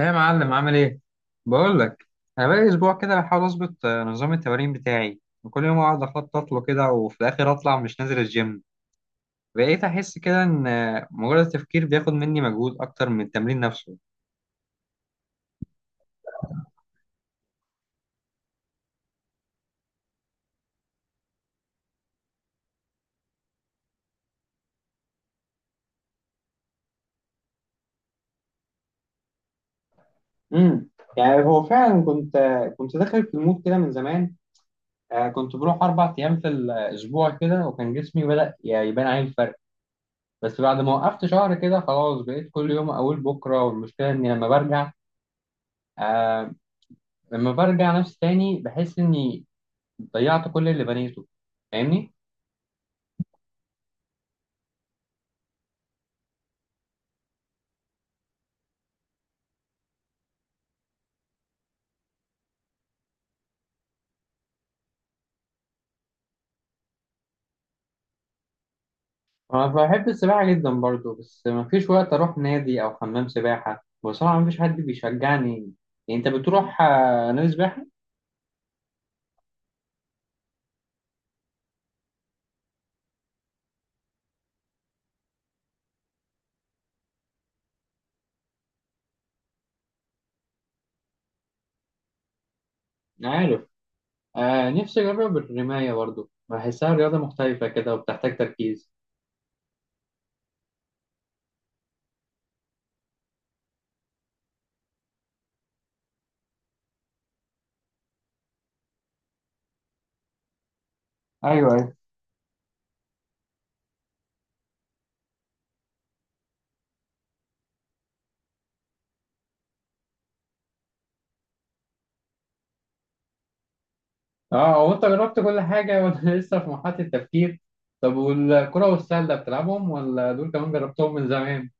ايه يا معلم؟ عامل ايه؟ بقول لك. انا بقالي اسبوع كده بحاول اظبط نظام التمارين بتاعي، وكل يوم اقعد اخطط له كده وفي الاخر اطلع مش نازل الجيم. بقيت احس كده ان مجرد التفكير بياخد مني مجهود اكتر من التمرين نفسه. امم يعني هو فعلا كنت داخل في المود كده من زمان. كنت بروح 4 ايام في الاسبوع كده، وكان جسمي بدأ يعني يبان عليه الفرق. بس بعد ما وقفت شهر كده خلاص بقيت كل يوم اقول بكره، والمشكله اني لما برجع، آه لما برجع نفسي تاني بحس اني ضيعت كل اللي بنيته. فاهمني؟ انا بحب السباحه جدا برضو، بس مفيش وقت اروح نادي او حمام سباحه بصراحه، مفيش حد بيشجعني. يعني انت بتروح نادي سباحه؟ عارف. نفسي اجرب الرمايه برضو، بحسها رياضه مختلفه كده وبتحتاج تركيز. ايوه، ايوه. اه، هو انت جربت كل حاجه وانا لسه في مرحله التفكير. طب والكره والسله بتلعبهم، ولا دول كمان جربتهم من زمان؟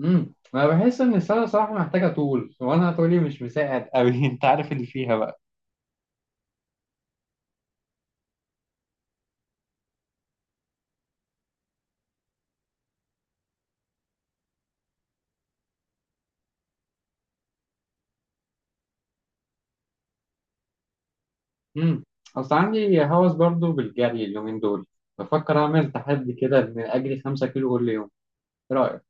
انا بحس ان السله صراحه محتاجه طول، وانا طولي مش مساعد قوي انت عارف اللي فيها بقى. امم اصل عندي هوس برضو بالجري اليومين دول. بفكر اعمل تحدي كده ان اجري 5 كيلو كل يوم. ايه رايك؟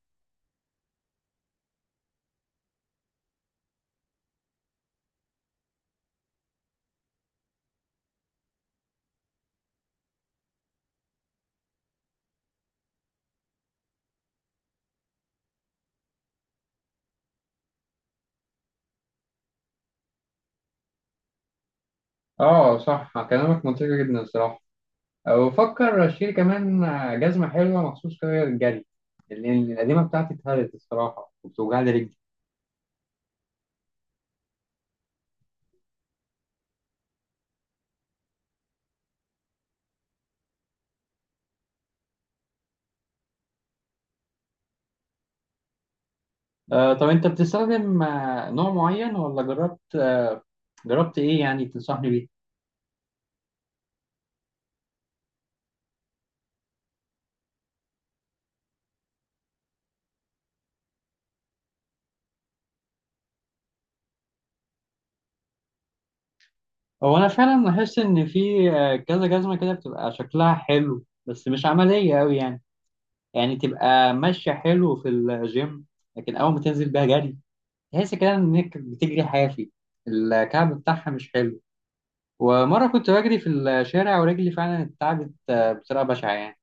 اه، صح كلامك منطقي جدا الصراحه. وبفكر اشتري كمان جزمه حلوه مخصوص كده للجري. لان القديمه بتاعتي اتهرت الصراحه وبتوجع لي رجلي. طب انت بتستخدم نوع معين ولا جربت ايه يعني تنصحني بيه؟ هو انا فعلا لاحظت ان في كذا جزمه كده بتبقى شكلها حلو، بس مش عمليه قوي يعني. يعني تبقى ماشية حلو في الجيم، لكن أول ما تنزل بيها جري تحس كده إنك بتجري حافي. الكعب بتاعها مش حلو. ومرة كنت بجري في الشارع ورجلي فعلا اتعبت بطريقة بشعة يعني.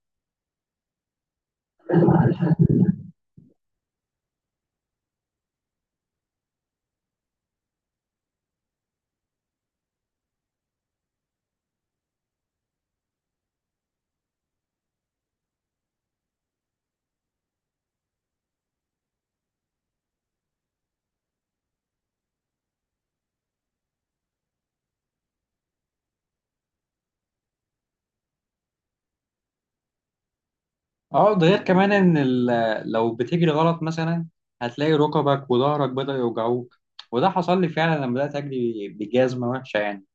اه، ده غير كمان إن لو بتجري غلط مثلا هتلاقي ركبك وظهرك بدأ يوجعوك. وده حصل لي فعلا لما بدأت أجري بجزمة وحشة يعني.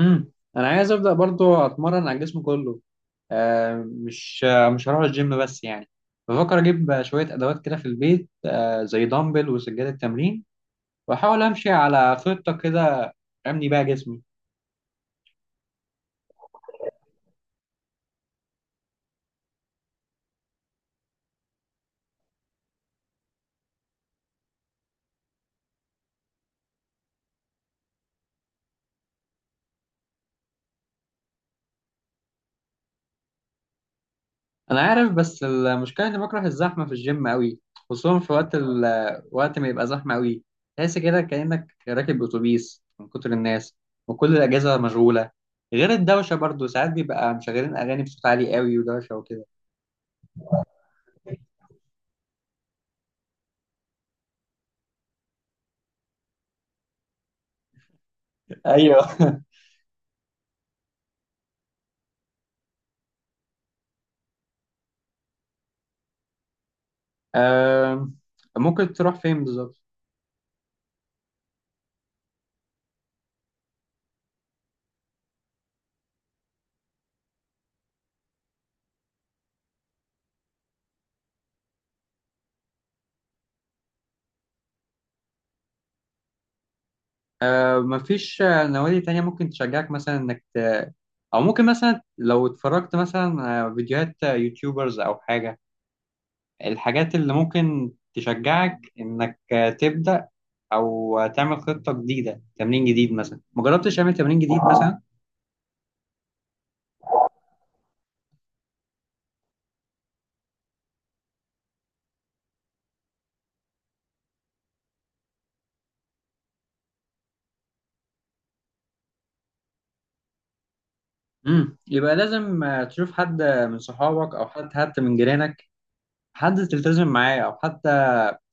أنا عايز أبدأ برضو أتمرن على الجسم كله. مش هروح الجيم بس يعني. بفكر اجيب شويه ادوات كده في البيت، زي دمبل وسجاده تمرين. واحاول امشي على خطه كده ابني بيها جسمي. انا عارف، بس المشكله اني بكره الزحمه في الجيم قوي. خصوصا في وقت ال... آه، وقت ما يبقى زحمه قوي. تحس كده كانك راكب اتوبيس من كتر الناس. وكل الاجهزه مشغوله. غير الدوشه برضو ساعات بيبقى مشغلين اغاني بصوت عالي قوي ودوشه وكده. ايوه. آم، ممكن تروح فين بالظبط؟ مفيش نوادي تانية، ممكن تشجعك مثلا أو ممكن مثلا لو اتفرجت مثلا فيديوهات، يوتيوبرز أو حاجة. الحاجات اللي ممكن تشجعك إنك تبدأ. أو تعمل خطة جديدة، تمرين جديد مثلا، مجربتش تعمل تمرين جديد مثلا؟ مم. يبقى لازم تشوف حد، من صحابك أو حد حتى من جيرانك. حد تلتزم معاه، أو حتى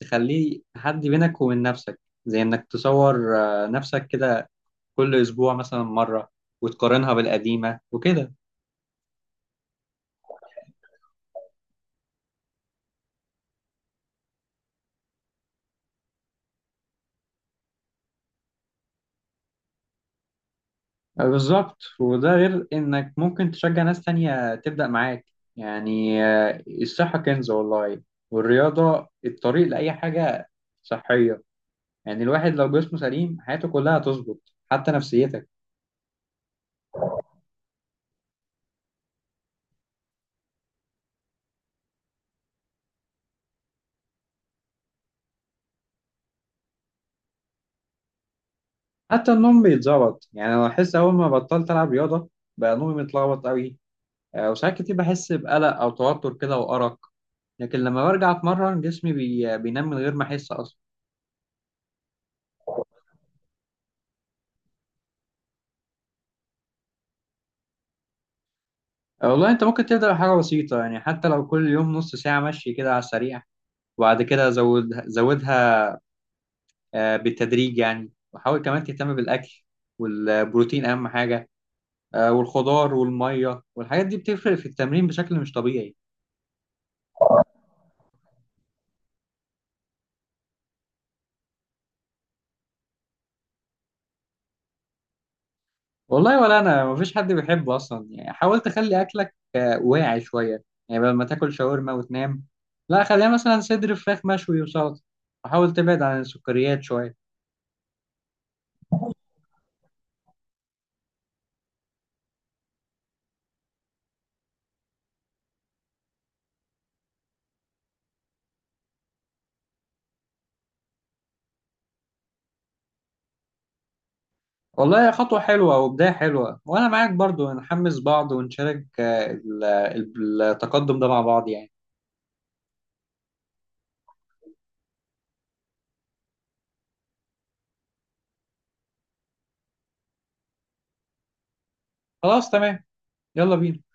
تخليه حد بينك وبين نفسك. زي إنك تصور نفسك كده كل اسبوع مثلا مره، وتقارنها بالقديمه وكده. بالظبط، وده غير انك ممكن تشجع ناس تانية تبدأ معاك. يعني الصحة كنز والله. والرياضة الطريق لأي حاجة صحية. يعني الواحد لو جسمه سليم حياته كلها هتظبط، حتى نفسيتك. حتى النوم بيتظبط يعني، انا بحس اول ما بطلت العب رياضة بقى نومي متلخبط قوي. وساعات كتير بحس بقلق او توتر كده وارق. لكن لما برجع اتمرن جسمي بينام من غير ما احس اصلا. والله انت ممكن تبدأ بحاجة بسيطة يعني، حتى لو كل يوم نص ساعة مشي كده على السريع. وبعد كده زودها زودها، بالتدريج يعني. وحاول كمان تهتم بالأكل، والبروتين أهم حاجة. والخضار والمية والحاجات دي بتفرق في التمرين بشكل مش طبيعي. والله، ولا أنا مفيش حد بيحبه أصلا يعني، حاول تخلي أكلك واعي شوية يعني بدل ما تاكل شاورما وتنام. لا، خليها مثلا صدر فراخ مشوي وسلطة. وحاول تبعد عن السكريات شوية. والله، خطوة حلوة وبداية حلوة، وأنا معاك برضو نحمس بعض ونشارك التقدم ده مع بعض يعني. خلاص تمام. يلا بينا.